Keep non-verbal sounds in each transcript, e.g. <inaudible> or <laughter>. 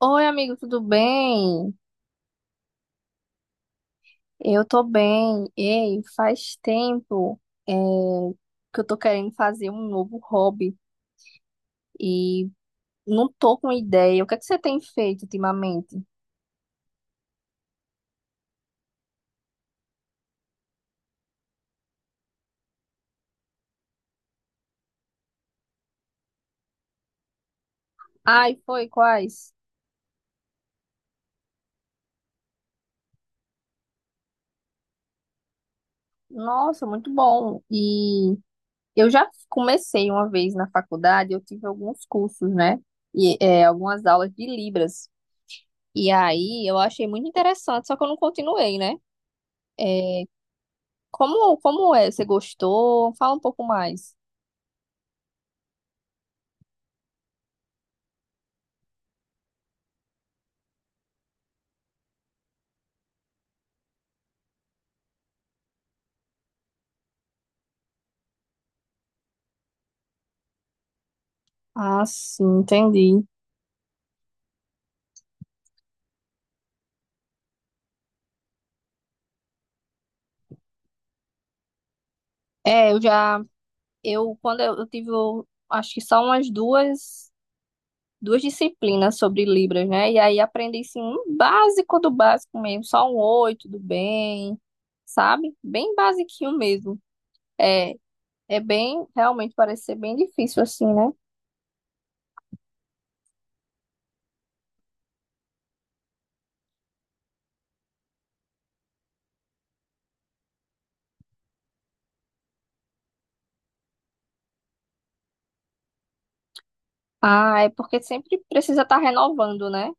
Oi, amigo, tudo bem? Eu tô bem. Ei, faz tempo é, que eu tô querendo fazer um novo hobby e não tô com ideia. O que é que você tem feito ultimamente? Ai, foi, quais? Nossa, muito bom. E eu já comecei uma vez na faculdade, eu tive alguns cursos, né? Algumas aulas de Libras. E aí eu achei muito interessante, só que eu não continuei, né? É, Como, como é? Você gostou? Fala um pouco mais. Ah, sim, entendi. É, eu já, quando eu, tive, acho que só umas duas, duas disciplinas sobre Libras, né? E aí aprendi, assim, um básico do básico mesmo, só um oi, tudo bem, sabe? Bem basiquinho mesmo. É, é bem, realmente parece ser bem difícil, assim, né? Ah, é porque sempre precisa estar renovando, né?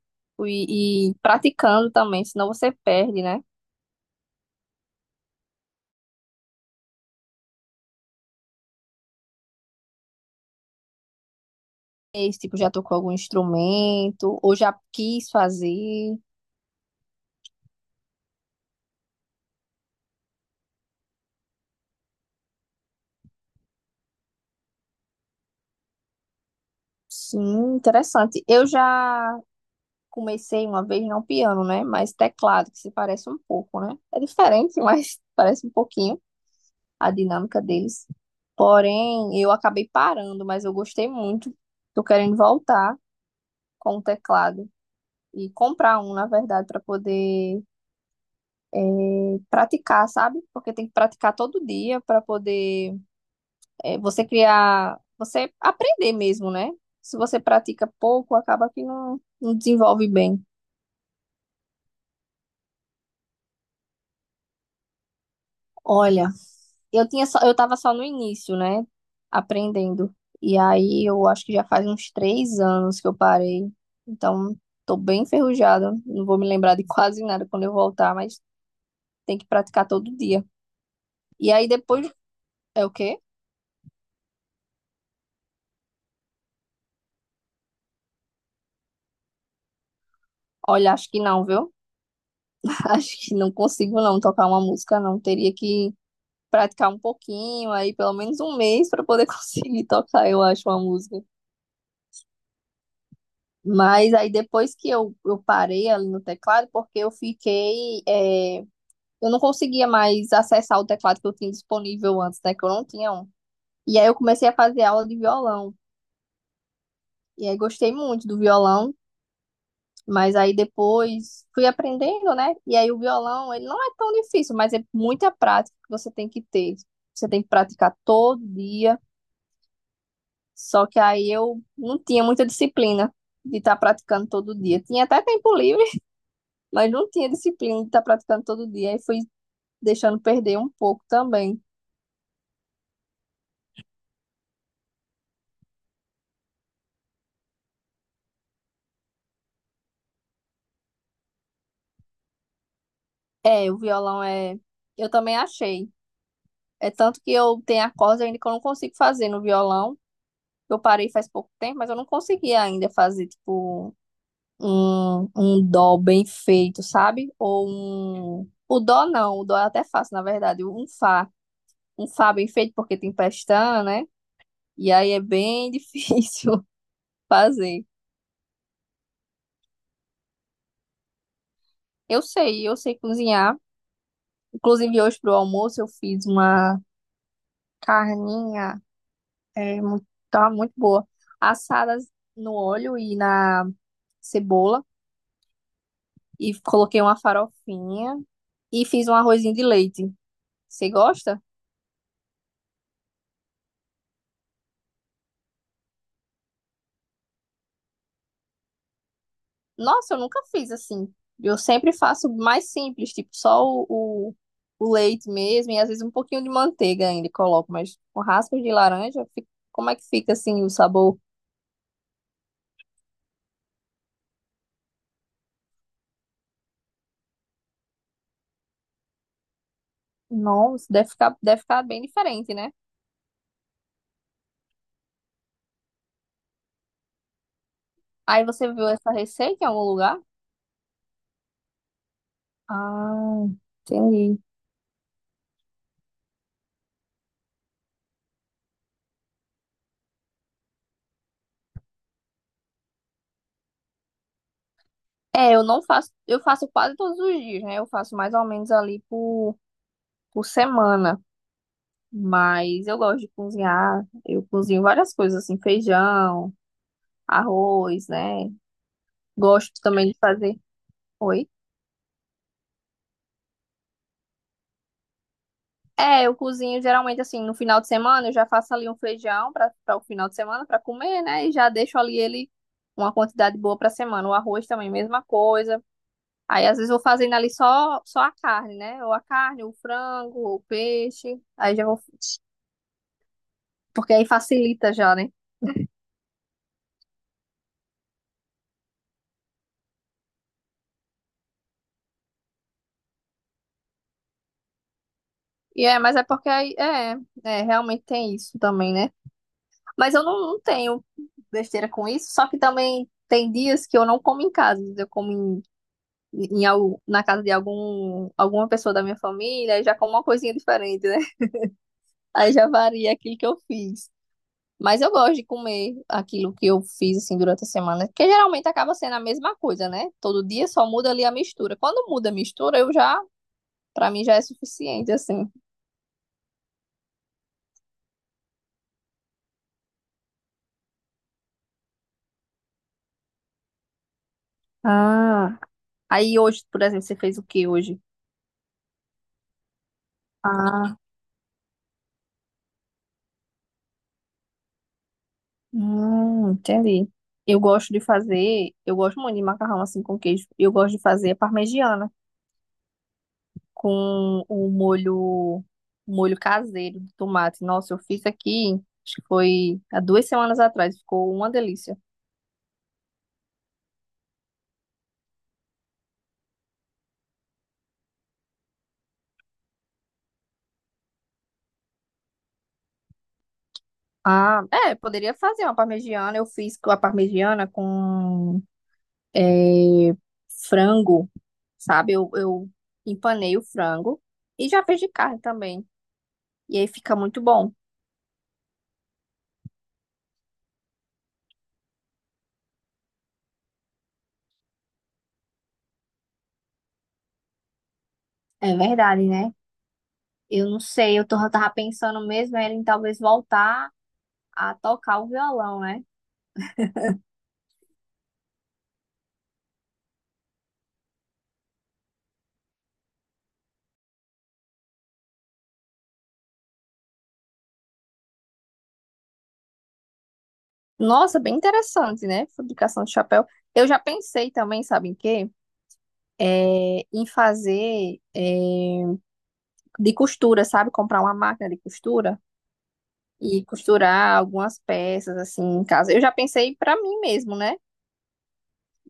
E praticando também, senão você perde, né? Esse tipo, já tocou algum instrumento, ou já quis fazer. Sim, interessante. Eu já comecei uma vez, não piano, né? Mas teclado, que se parece um pouco, né? É diferente, <laughs> mas parece um pouquinho a dinâmica deles. Porém, eu acabei parando, mas eu gostei muito. Tô querendo voltar com o teclado e comprar um, na verdade, para poder eh, praticar, sabe? Porque tem que praticar todo dia para poder você criar, você aprender mesmo, né? Se você pratica pouco, acaba que não desenvolve bem. Olha, eu tava só no início, né? Aprendendo. E aí eu acho que já faz uns três anos que eu parei. Então, tô bem enferrujada. Não vou me lembrar de <laughs> quase nada quando eu voltar, mas tem que praticar todo dia. E aí depois é o quê? Olha, acho que não, viu? <laughs> Acho que não consigo não tocar uma música, não. Teria que praticar um pouquinho, aí pelo menos um mês para poder <laughs> conseguir tocar, eu acho, uma música. Mas aí depois que eu parei ali no teclado, porque eu fiquei. Eu não conseguia mais acessar o teclado que eu tinha disponível antes, né? Que eu não tinha um. E aí eu comecei a fazer aula de violão. E aí gostei muito do violão, mas aí depois fui aprendendo, né? E aí o violão, ele não é tão difícil, mas é muita prática que você tem que ter. Você tem que praticar todo dia. Só que aí eu não tinha muita disciplina de estar praticando todo dia. Tinha até tempo livre, mas não tinha disciplina de estar praticando todo dia. Aí fui deixando perder um pouco também. É, o violão é. Eu também achei. É tanto que eu tenho acordes ainda que eu não consigo fazer no violão. Eu parei faz pouco tempo, mas eu não consegui ainda fazer, tipo, um dó bem feito, sabe? Ou um. O dó não, o dó é até fácil, na verdade. Um fá. Um fá bem feito, porque tem pestana, né? E aí é bem <laughs> difícil fazer. Eu sei, cozinhar. Inclusive, hoje pro almoço eu fiz uma carninha, muito, tava muito boa, assada no óleo e na cebola, e coloquei uma farofinha e fiz um arrozinho de leite. Você gosta? Nossa, eu nunca fiz assim. Eu sempre faço mais simples, tipo só o, o leite mesmo, e às vezes um pouquinho de manteiga ainda coloco, mas com raspas de laranja, como é que fica assim o sabor? Nossa, deve ficar bem diferente, né? Aí você viu essa receita em algum lugar? Ah, entendi. É, eu não faço, eu faço quase todos os dias, né? Eu faço mais ou menos por semana. Mas eu gosto de cozinhar. Eu cozinho várias coisas, assim, feijão, arroz, né? Gosto também de fazer. Oi? É, eu cozinho geralmente assim, no final de semana, eu já faço ali um feijão para o final de semana para comer, né? E já deixo ali ele uma quantidade boa para semana. O arroz também, mesma coisa. Aí às vezes eu vou fazendo ali só a carne, né? Ou a carne, ou o frango, ou o peixe. Aí já vou. Porque aí facilita já, né? E é, mas é porque aí. É, é, realmente tem isso também, né? Mas eu não tenho besteira com isso. Só que também tem dias que eu não como em casa. Eu como na casa de alguma pessoa da minha família. Aí já como uma coisinha diferente, né? <laughs> Aí já varia aquilo que eu fiz. Mas eu gosto de comer aquilo que eu fiz assim durante a semana, que geralmente acaba sendo a mesma coisa, né? Todo dia só muda ali a mistura. Quando muda a mistura, pra mim já é suficiente assim. Ah, aí hoje, por exemplo, você fez o que hoje? Ah, entendi. Eu gosto de fazer, eu gosto muito de macarrão assim com queijo. Eu gosto de fazer parmegiana com o molho, molho caseiro de tomate. Nossa, eu fiz aqui, acho que foi há duas semanas atrás, ficou uma delícia. Ah, é, poderia fazer uma parmegiana. Eu fiz com a parmegiana com é, frango, sabe? Eu empanei o frango e já fiz de carne também. E aí fica muito bom. É verdade, né? Eu não sei, eu tô, eu tava pensando mesmo era em talvez voltar a tocar o violão, né? Nossa, bem interessante, né? Fabricação de chapéu. Eu já pensei também, sabe em quê? É, em fazer é, de costura, sabe? Comprar uma máquina de costura e costurar algumas peças assim em casa. Eu já pensei para mim mesmo, né?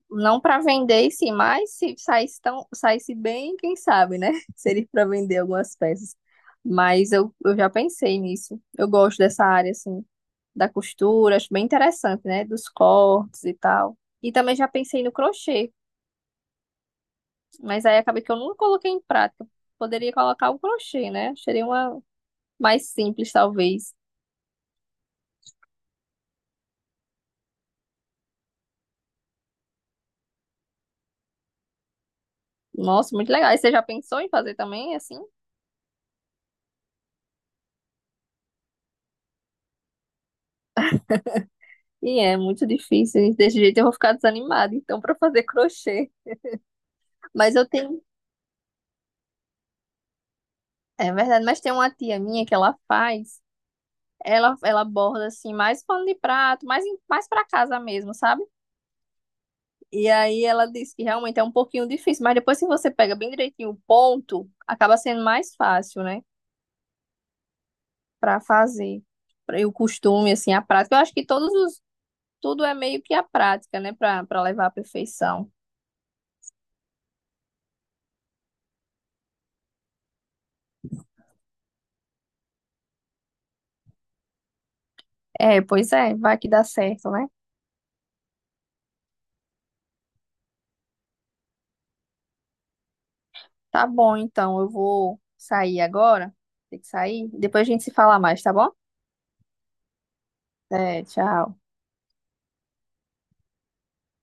Não para vender, sim, mas se saísse bem, quem sabe, né? <laughs> Seria para vender algumas peças. Mas eu já pensei nisso. Eu gosto dessa área assim da costura, acho bem interessante, né? Dos cortes e tal. E também já pensei no crochê, mas aí acabei que eu nunca coloquei em prática. Poderia colocar o crochê, né? Seria uma mais simples, talvez. Nossa, muito legal. E você já pensou em fazer também, assim? E é muito difícil. Desse jeito eu vou ficar desanimada, então, para fazer crochê. Mas eu tenho. É verdade, mas tem uma tia minha que ela faz. Ela borda assim, mais pano de prato, mais para casa mesmo, sabe? E aí ela disse que realmente é um pouquinho difícil, mas depois que você pega bem direitinho o ponto, acaba sendo mais fácil, né? Para fazer. E o costume, assim, a prática. Eu acho que todos os. Tudo é meio que a prática, né? Para levar à perfeição. É, pois é, vai que dá certo, né? Tá bom, então. Eu vou sair agora. Tem que sair. Depois a gente se fala mais, tá bom? É, tchau.